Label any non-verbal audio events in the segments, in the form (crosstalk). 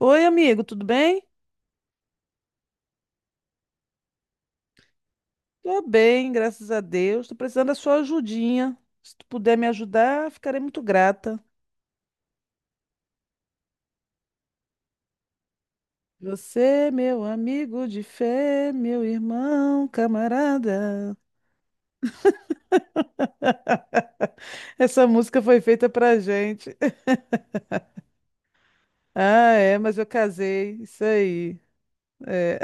Oi, amigo, tudo bem? Tô bem, graças a Deus. Tô precisando da sua ajudinha. Se tu puder me ajudar, ficarei muito grata. Você, meu amigo de fé, meu irmão, camarada. Essa música foi feita pra gente. (laughs) Ah, é, mas eu casei. Isso aí. É.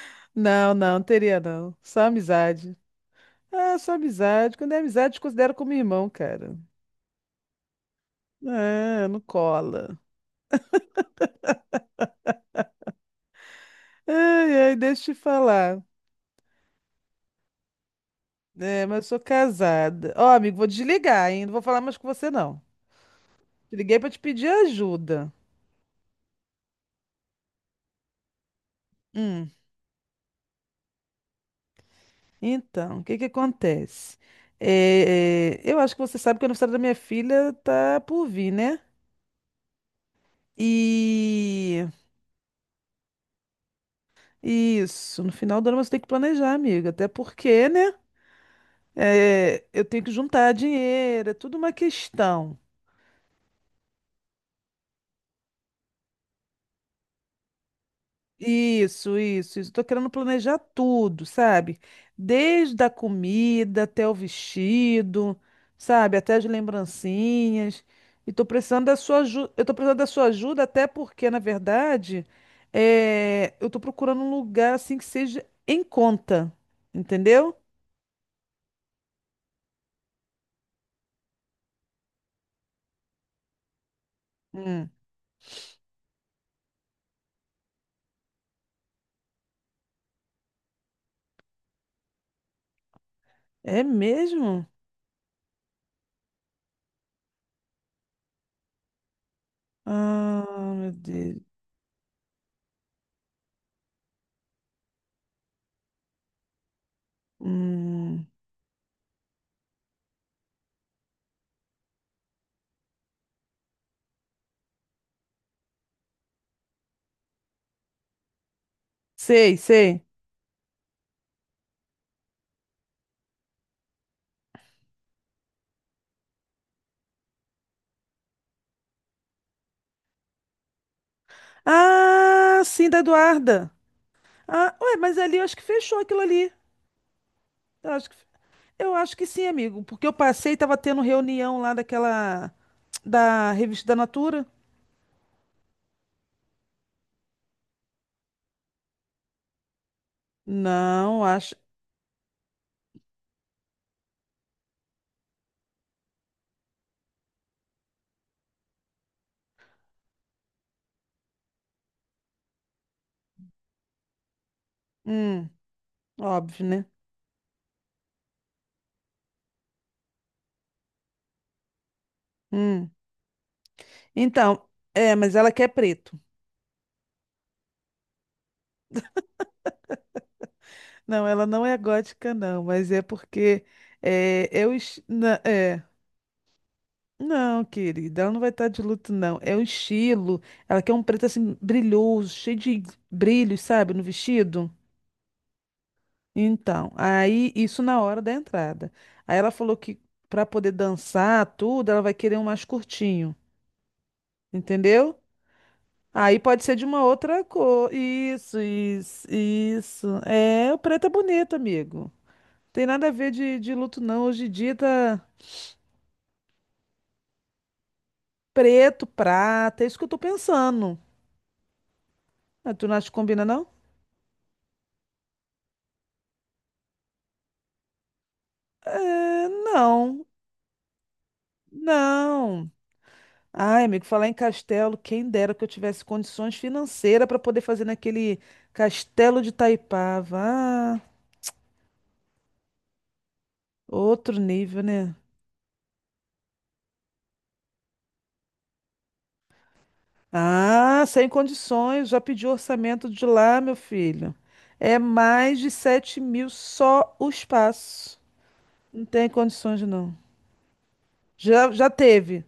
(laughs) Não, não, teria não. Só amizade. Ah, só amizade. Quando é amizade, te considero como irmão, cara. Ah, não cola. Ai, ai, deixa eu te falar. É, mas eu sou casada. Ó, amigo, vou desligar, hein? Não vou falar mais com você, não. Te liguei pra te pedir ajuda. Hum. Então, o que que acontece? É, eu acho que você sabe que o aniversário da minha filha tá por vir, né? E isso, no final do ano você tem que planejar, amiga. Até porque, né? É, eu tenho que juntar dinheiro, é tudo uma questão. Isso, isso, isso. Tô querendo planejar tudo, sabe? Desde a comida até o vestido, sabe? Até as lembrancinhas. E tô precisando da sua ajuda. Eu tô precisando da sua ajuda até porque, na verdade, é, eu tô procurando um lugar assim que seja em conta, entendeu? Hum. É mesmo? Ah, meu Deus. Hum. Sei, sei. Ah, sim, da Eduarda. Ah, ué, mas ali eu acho que fechou aquilo ali. Eu acho que, eu acho que sim, amigo, porque eu passei e tava tendo reunião lá daquela da revista da Natura. Não, acho. Hum, óbvio, né? Hum. Então, é, mas ela quer preto. Não, ela não é gótica, não, mas é porque é, eu. Es- na- É. Não, querida, ela não vai estar de luto, não. É o estilo. Ela quer um preto assim, brilhoso, cheio de brilhos, sabe, no vestido. Então, aí isso na hora da entrada. Aí ela falou que para poder dançar tudo, ela vai querer um mais curtinho, entendeu? Aí pode ser de uma outra cor. Isso, isso, isso. É, o preto é bonito, amigo. Tem nada a ver de luto, não. Hoje em dia tá preto, prata, é isso que eu tô pensando. Ah, tu não acha que combina, não? É, não, não. Ai, amigo, falar em castelo, quem dera que eu tivesse condições financeiras para poder fazer naquele castelo de Taipava. Ah, outro nível, né? Ah, sem condições, já pedi orçamento de lá, meu filho. É mais de 7 mil só o espaço. Não tem condições, não. Já, já teve.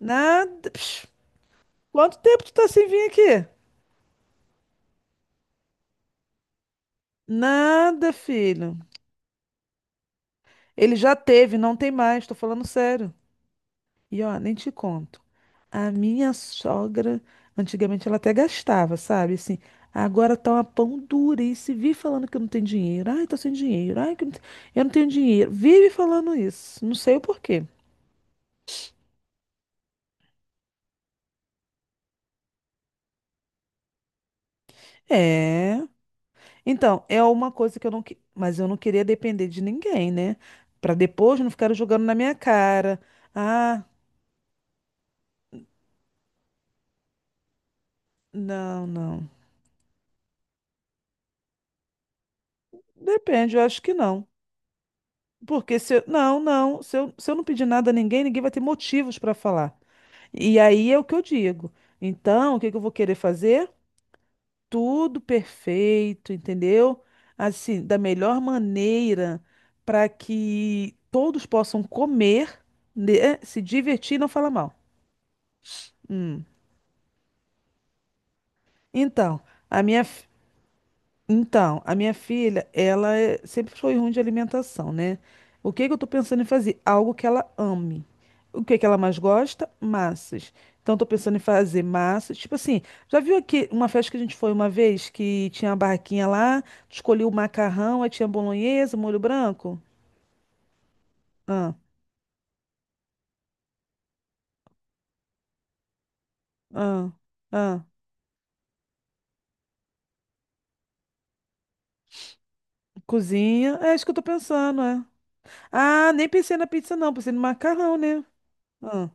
Nada. Psh, quanto tempo tu tá sem vir aqui? Nada, filho. Ele já teve, não tem mais, tô falando sério. E ó, nem te conto. A minha sogra, antigamente ela até gastava, sabe? Assim, agora tá uma pão dura e se vive falando que não tem dinheiro. Ai, tô sem dinheiro. Ai, que não te- eu não tenho dinheiro. Vive falando isso. Não sei o porquê. É. Então, é uma coisa que eu não, que- mas eu não queria depender de ninguém, né? Pra depois não ficar jogando na minha cara. Ah, não, não. Depende, eu acho que não. Porque se eu... Não, não. Se eu não pedir nada a ninguém, ninguém vai ter motivos pra falar. E aí é o que eu digo. Então, o que que eu vou querer fazer? Tudo perfeito, entendeu? Assim, da melhor maneira para que todos possam comer, né, se divertir e não falar mal. Hum. Então, a minha, Então, a minha filha, ela é- sempre foi ruim de alimentação, né? O que que eu tô pensando em fazer? Algo que ela ame. O que que ela mais gosta? Massas. Então, eu tô pensando em fazer massas. Tipo assim, já viu aqui uma festa que a gente foi uma vez que tinha uma barraquinha lá, escolhi o macarrão, aí tinha bolonhesa, molho branco? Ah, ah, ah. Cozinha. É isso que eu tô pensando, é. Ah, nem pensei na pizza, não. Pensei no macarrão, né? Ah,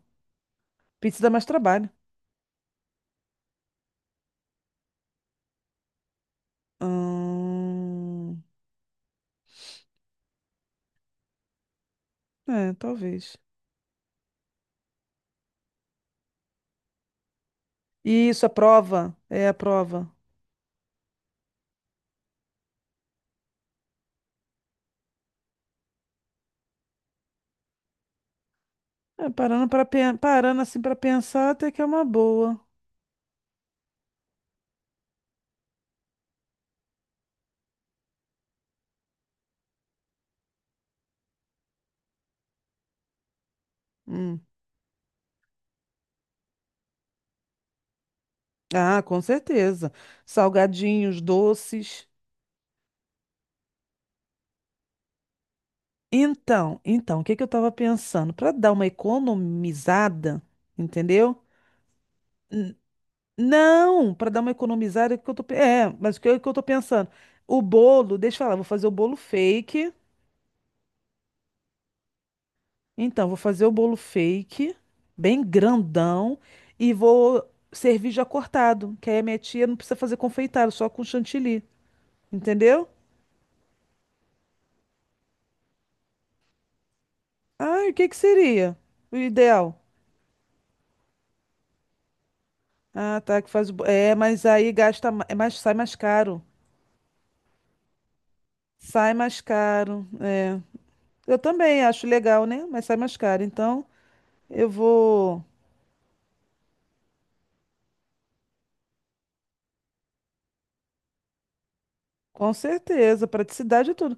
pizza dá mais trabalho. Ahn, É, talvez. E isso, a prova. É a prova. É, parando assim para pensar, até que é uma boa. Hum. Ah, com certeza. Salgadinhos, doces. Então, o que que eu estava pensando? Para dar uma economizada, entendeu? N- não, para dar uma economizada, é o que que eu tô, pe- é, mas o que eu tô pensando? O bolo, deixa eu falar, vou fazer o bolo fake. Então, vou fazer o bolo fake, bem grandão, e vou servir já cortado, que aí a minha tia não precisa fazer confeitado, só com chantilly, entendeu? Ah, e o que que seria o ideal? Ah, tá, que faz o... bo- É, mas aí gasta, ma- é mais, sai mais caro. Sai mais caro. É. Eu também acho legal, né? Mas sai mais caro. Então, eu vou, com certeza, praticidade e tudo.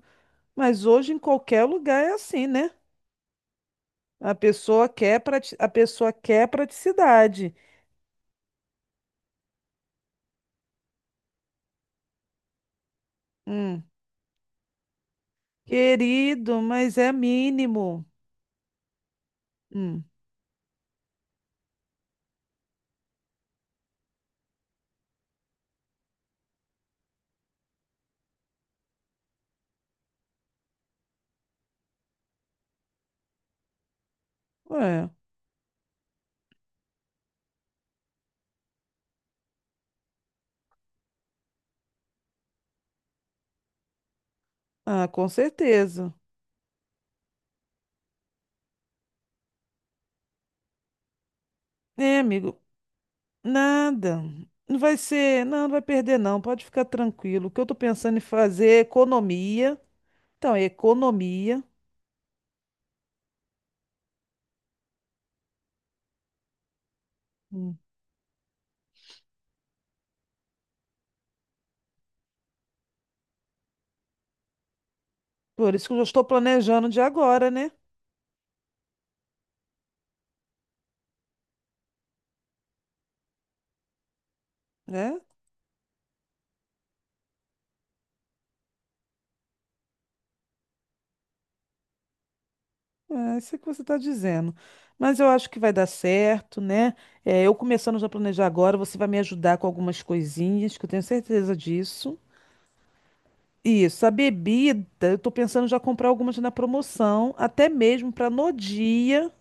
Mas hoje em qualquer lugar é assim, né? A pessoa quer prati... a pessoa quer praticidade. Hum. Querido, mas é mínimo. Hum. Ué. Ah, com certeza. É, amigo, nada. Não vai ser, não, não vai perder, não. Pode ficar tranquilo. O que eu tô pensando em fazer é economia. Então, é economia. Hum. Por isso que eu já estou planejando de agora, né? É, é isso é que você está dizendo. Mas eu acho que vai dar certo, né? É, eu começando já a planejar agora, você vai me ajudar com algumas coisinhas, que eu tenho certeza disso. Isso, a bebida, eu tô pensando já comprar algumas na promoção, até mesmo para no dia.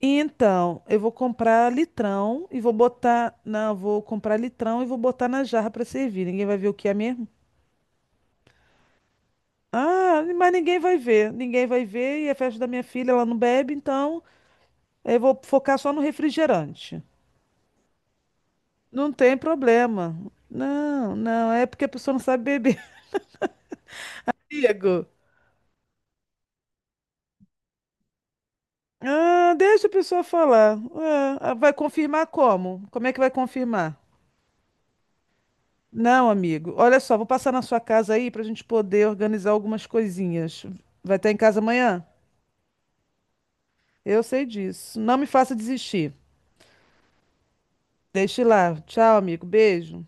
Então, eu vou comprar litrão e vou botar, não, vou comprar litrão e vou botar na jarra para servir. Ninguém vai ver o que é mesmo? Ah, mas ninguém vai ver e é festa da minha filha, ela não bebe, então eu vou focar só no refrigerante. Não tem problema. Não, não, é porque a pessoa não sabe beber, (laughs) amigo. Ah, deixa a pessoa falar. Ah, vai confirmar como? Como é que vai confirmar? Não, amigo. Olha só, vou passar na sua casa aí para a gente poder organizar algumas coisinhas. Vai estar em casa amanhã? Eu sei disso. Não me faça desistir. Deixe lá. Tchau, amigo. Beijo.